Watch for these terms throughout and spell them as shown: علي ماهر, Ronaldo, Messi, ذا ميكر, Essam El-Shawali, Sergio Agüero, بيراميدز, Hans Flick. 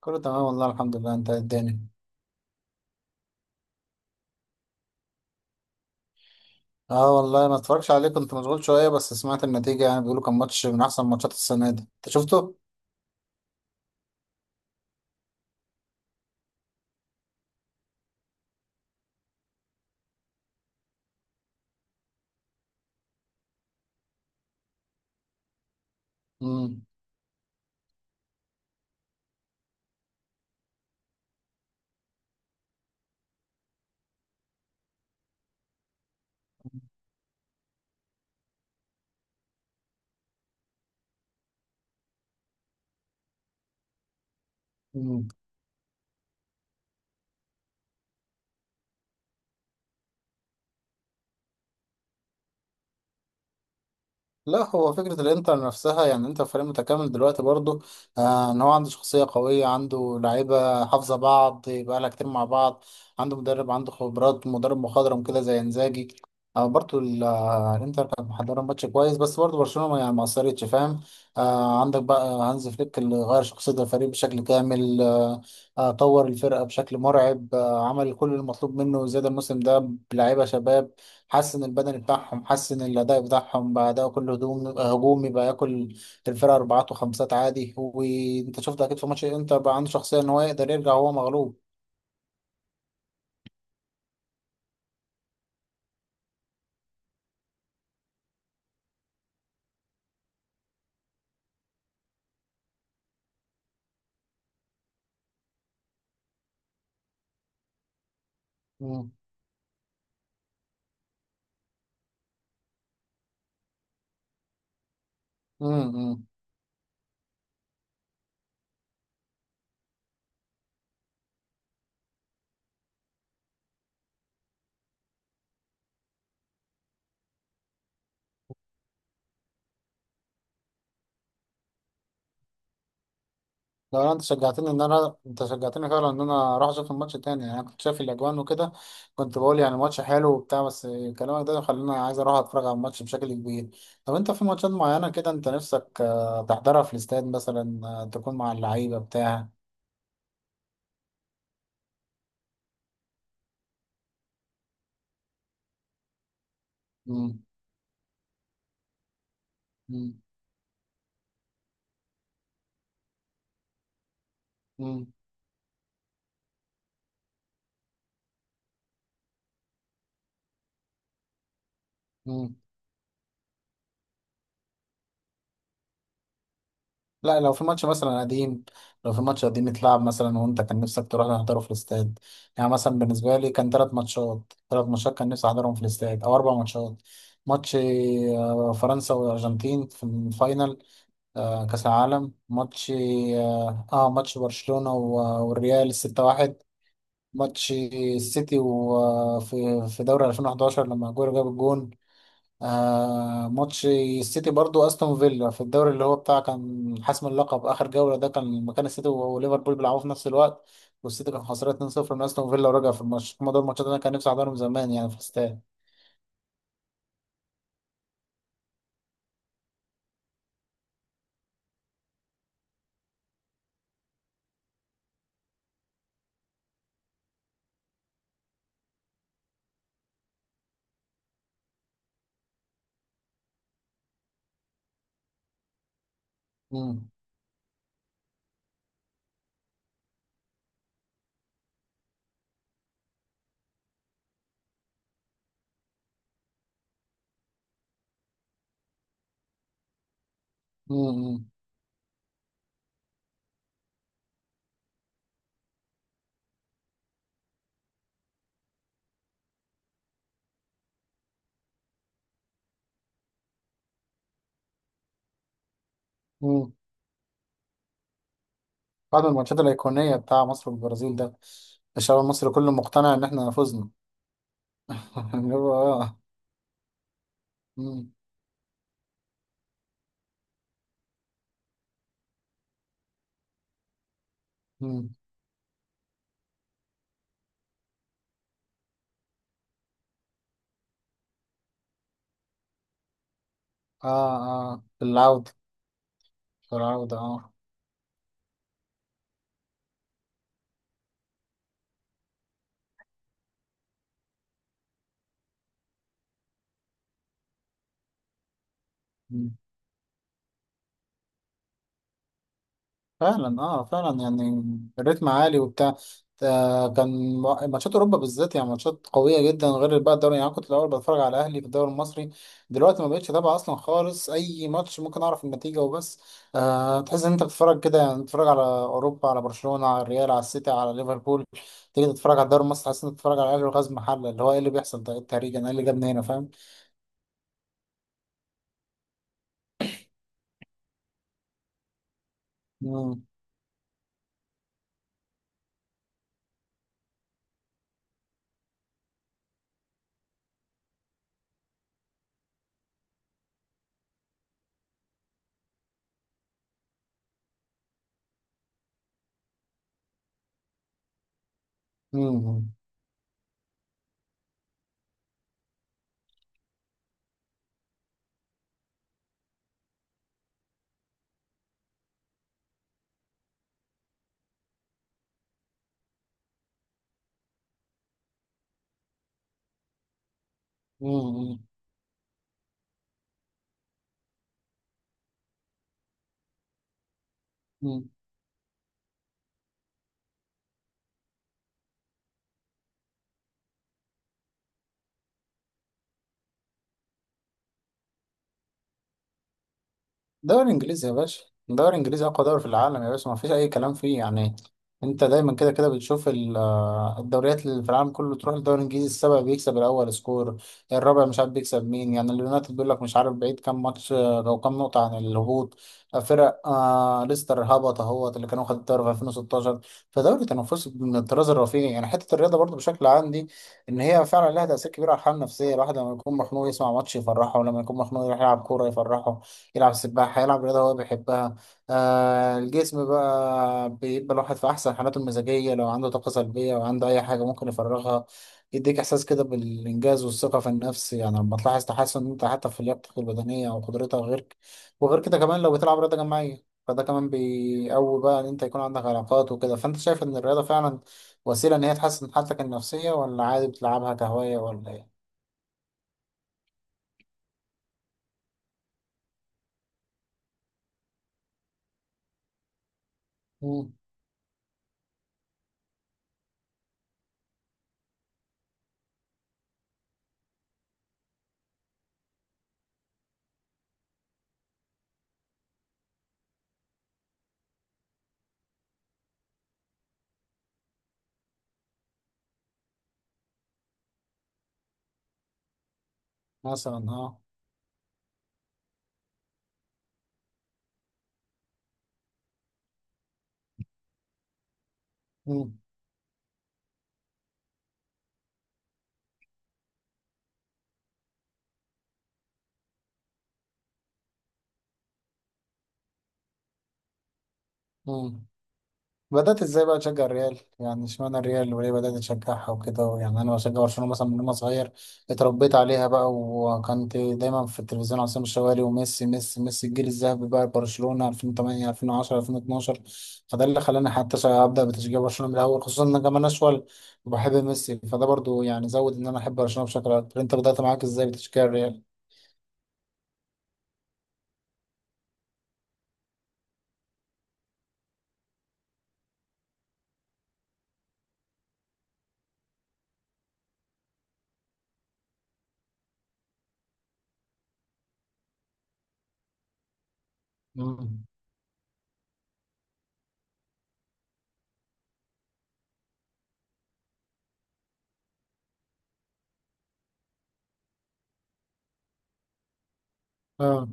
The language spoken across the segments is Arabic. كله تمام والله الحمد لله. انت إيه الدنيا؟ اه والله ما اتفرجش عليه، كنت مشغول شويه. بس سمعت النتيجه يعني بيقولوا كان ماتش من احسن ماتشات السنه دي. انت شفته؟ امم. لا هو فكرة الانتر نفسها يعني انت فريق متكامل دلوقتي برضه. ان هو عنده شخصية قوية، عنده لعيبة حافظة بعض بقالها كتير مع بعض. عنده مدرب، عنده خبرات مدرب مخضرم كده زي انزاجي. آه برضه ال- آه، الانتر كانت محضرة ماتش كويس، بس برضه برشلونة يعني ما قصرتش فاهم. عندك بقى هانز فليك اللي غير شخصية الفريق بشكل كامل. طور الفرقة بشكل مرعب، عمل كل المطلوب منه زيادة الموسم ده بلعيبة شباب. حسن البدني بتاعهم، حسن الأداء بتاعهم بقى. ده كله هجوم هجوم يبقى ياكل الفرقة أربعات وخمسات عادي. وأنت شفت أكيد في ماتش الإنتر بقى عنده شخصية إن هو يقدر يرجع وهو مغلوب. مم. مم. مم. لو أنت شجعتني فعلا إن أنا أروح أشوف الماتش تاني. يعني أنا كنت شايف الأجوان وكده، كنت بقول يعني الماتش حلو وبتاع بس. كلامك ده خلاني عايز أروح أتفرج على الماتش بشكل كبير. طب أنت في ماتشات معينة كده أنت نفسك تحضرها في الاستاد مثلا، تكون مع اللعيبة بتاع؟ مم. مم. مم. مم. لا لو في ماتش مثلا قديم، لو في ماتش قديم اتلعب مثلا وانت كان نفسك تروح تحضره في الاستاد. يعني مثلا بالنسبه لي كان ثلاث ماتشات، كان نفسي احضرهم في الاستاد، او اربع ماتشات. ماتش فرنسا والارجنتين في الفاينل، كاس العالم. ماتش ماتش برشلونه والريال 6-1. ماتش السيتي وفي في في دوري 2011 لما اجويرو جاب الجون. ماتش السيتي برضو استون فيلا في الدوري اللي هو بتاع كان حسم اللقب اخر جوله. ده كان مكان السيتي وليفربول بيلعبوا في نفس الوقت، والسيتي كان خسران 2-0 من استون فيلا ورجع في الماتش. هما دول الماتشات اللي انا كان نفسي احضرهم زمان يعني في الاستاد. امم. امم. امم. بعد من الماتشات الايقونيه بتاع مصر والبرازيل ده. الشعب المصري كله مقتنع ان احنا فزنا. اللي هو. اه. امم. امم. اه. اه العوده. العوده اه. فعلا فعلا يعني الريتم عالي وبتاع. كان ماتشات اوروبا بالذات يعني ماتشات قويه جدا، غير بقى الدوري. يعني أنا كنت الاول بتفرج على الاهلي في الدوري المصري، دلوقتي ما بقتش اتابع اصلا خالص. اي ماتش ممكن اعرف النتيجه وبس. تحس ان انت بتتفرج كده، يعني بتتفرج على اوروبا، على برشلونه، على الريال، على السيتي، على ليفربول. تيجي تتفرج على الدوري المصري تحس انك بتتفرج على الاهلي وغاز محله. اللي هو ايه اللي بيحصل ده؟ إيه التهريج؟ انا ايه اللي جابني هنا فاهم؟ مم. مم. مم. مم. دوري انجليزي يا باشا، دوري انجليزي اقوى دوري في العالم يا باشا، ما فيش اي كلام فيه يعني. انت دايما كده كده بتشوف الدوريات اللي في العالم كله، تروح الدوري الانجليزي السابع بيكسب الاول سكور، الرابع مش عارف بيكسب مين، يعني اليونايتد بيقول لك مش عارف بعيد كام ماتش لو كام نقطة عن الهبوط. فرق ليستر هبط اهوت اللي كانوا خدوا الدوري في 2016. فدوري تنافسي من الطراز الرفيع. يعني حتة الرياضة برضو بشكل عام دي ان هي فعلا لها تأثير كبير على الحالة النفسية. الواحد لما يكون مخنوق يسمع ماتش يفرحه، ولما يكون مخنوق يروح يلعب كورة يفرحه، يلعب سباحة، يلعب رياضة هو بيحبها. الجسم بقى بيبقى الواحد في أحسن حالاته المزاجية، لو عنده طاقة سلبية أو عنده أي حاجة ممكن يفرغها. يديك إحساس كده بالإنجاز والثقة في النفس، يعني لما تلاحظ تحسن أنت حتى في لياقتك البدنية أو قدرتها. وغير كده كمان لو بتلعب رياضة جماعية، فده كمان بيقوي بقى إن أنت يكون عندك علاقات وكده. فأنت شايف إن الرياضة فعلا وسيلة إن هي تحسن حالتك النفسية، ولا عادي بتلعبها كهواية ولا إيه؟ مم، مثلا أه. مم، مم. بدأت ازاي بقى تشجع الريال؟ يعني اشمعنى الريال وليه بدأت تشجعها وكده؟ يعني انا بشجع برشلونة مثلا من وانا صغير، اتربيت عليها بقى. وكنت دايما في التلفزيون عصام الشوالي، وميسي ميسي ميسي الجيل الذهبي بقى برشلونة 2008 2010 2012. فده اللي خلاني حتى ابدأ بتشجيع برشلونة من الاول، خصوصا ان انا كمان اشول وبحب ميسي، فده برضو يعني زود ان انا احب برشلونة بشكل اكبر. انت بدأت معاك ازاي بتشجيع الريال؟ مم. اه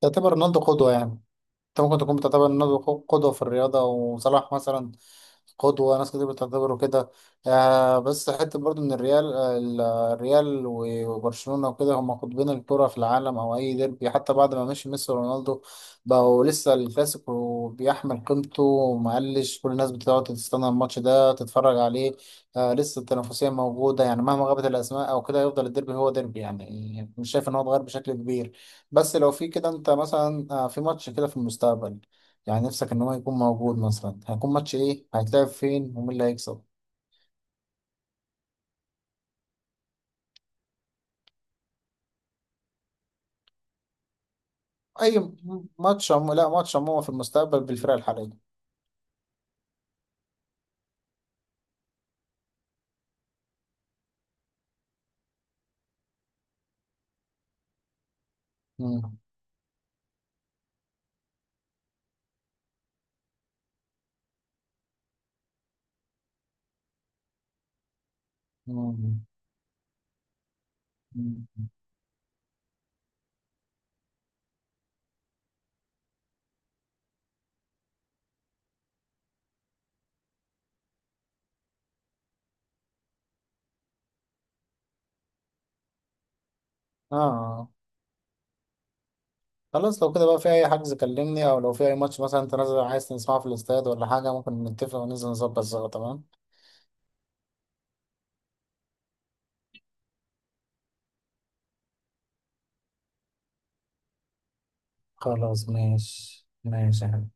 تعتبر رونالدو قدوة يعني؟ انت ممكن تكون بتعتبر رونالدو قدوة في الرياضة، وصلاح مثلا قدوة، ناس كتير بتعتبره كده. بس حتة برضو إن الريال، الريال وبرشلونة وكده هم قطبين الكرة في العالم، أو أي ديربي حتى بعد ما مشي ميسي ورونالدو بقوا لسه الكلاسيكو بيحمل قيمته، ومقلش كل الناس بتقعد تستنى الماتش ده تتفرج عليه. لسه التنافسية موجودة يعني مهما غابت الأسماء أو كده، يفضل الديربي هو ديربي. يعني مش شايف إن هو اتغير بشكل كبير. بس لو في كده أنت مثلا في ماتش كده في المستقبل يعني نفسك ان هو يكون موجود، مثلا هيكون ماتش ايه؟ هيتلعب فين؟ ومين اللي هيكسب؟ اي ماتش لا ماتش عموما في المستقبل بالفرق الحاليه. مم. مم. مم. اه. خلاص لو كده بقى في اي حجز كلمني، او لو في اي ماتش مثلا انت نازل عايز تسمعه في الاستاد ولا حاجه ممكن نتفق وننزل نظبط سوا تمام. خلاص ماشي ماشي يا حبيبي.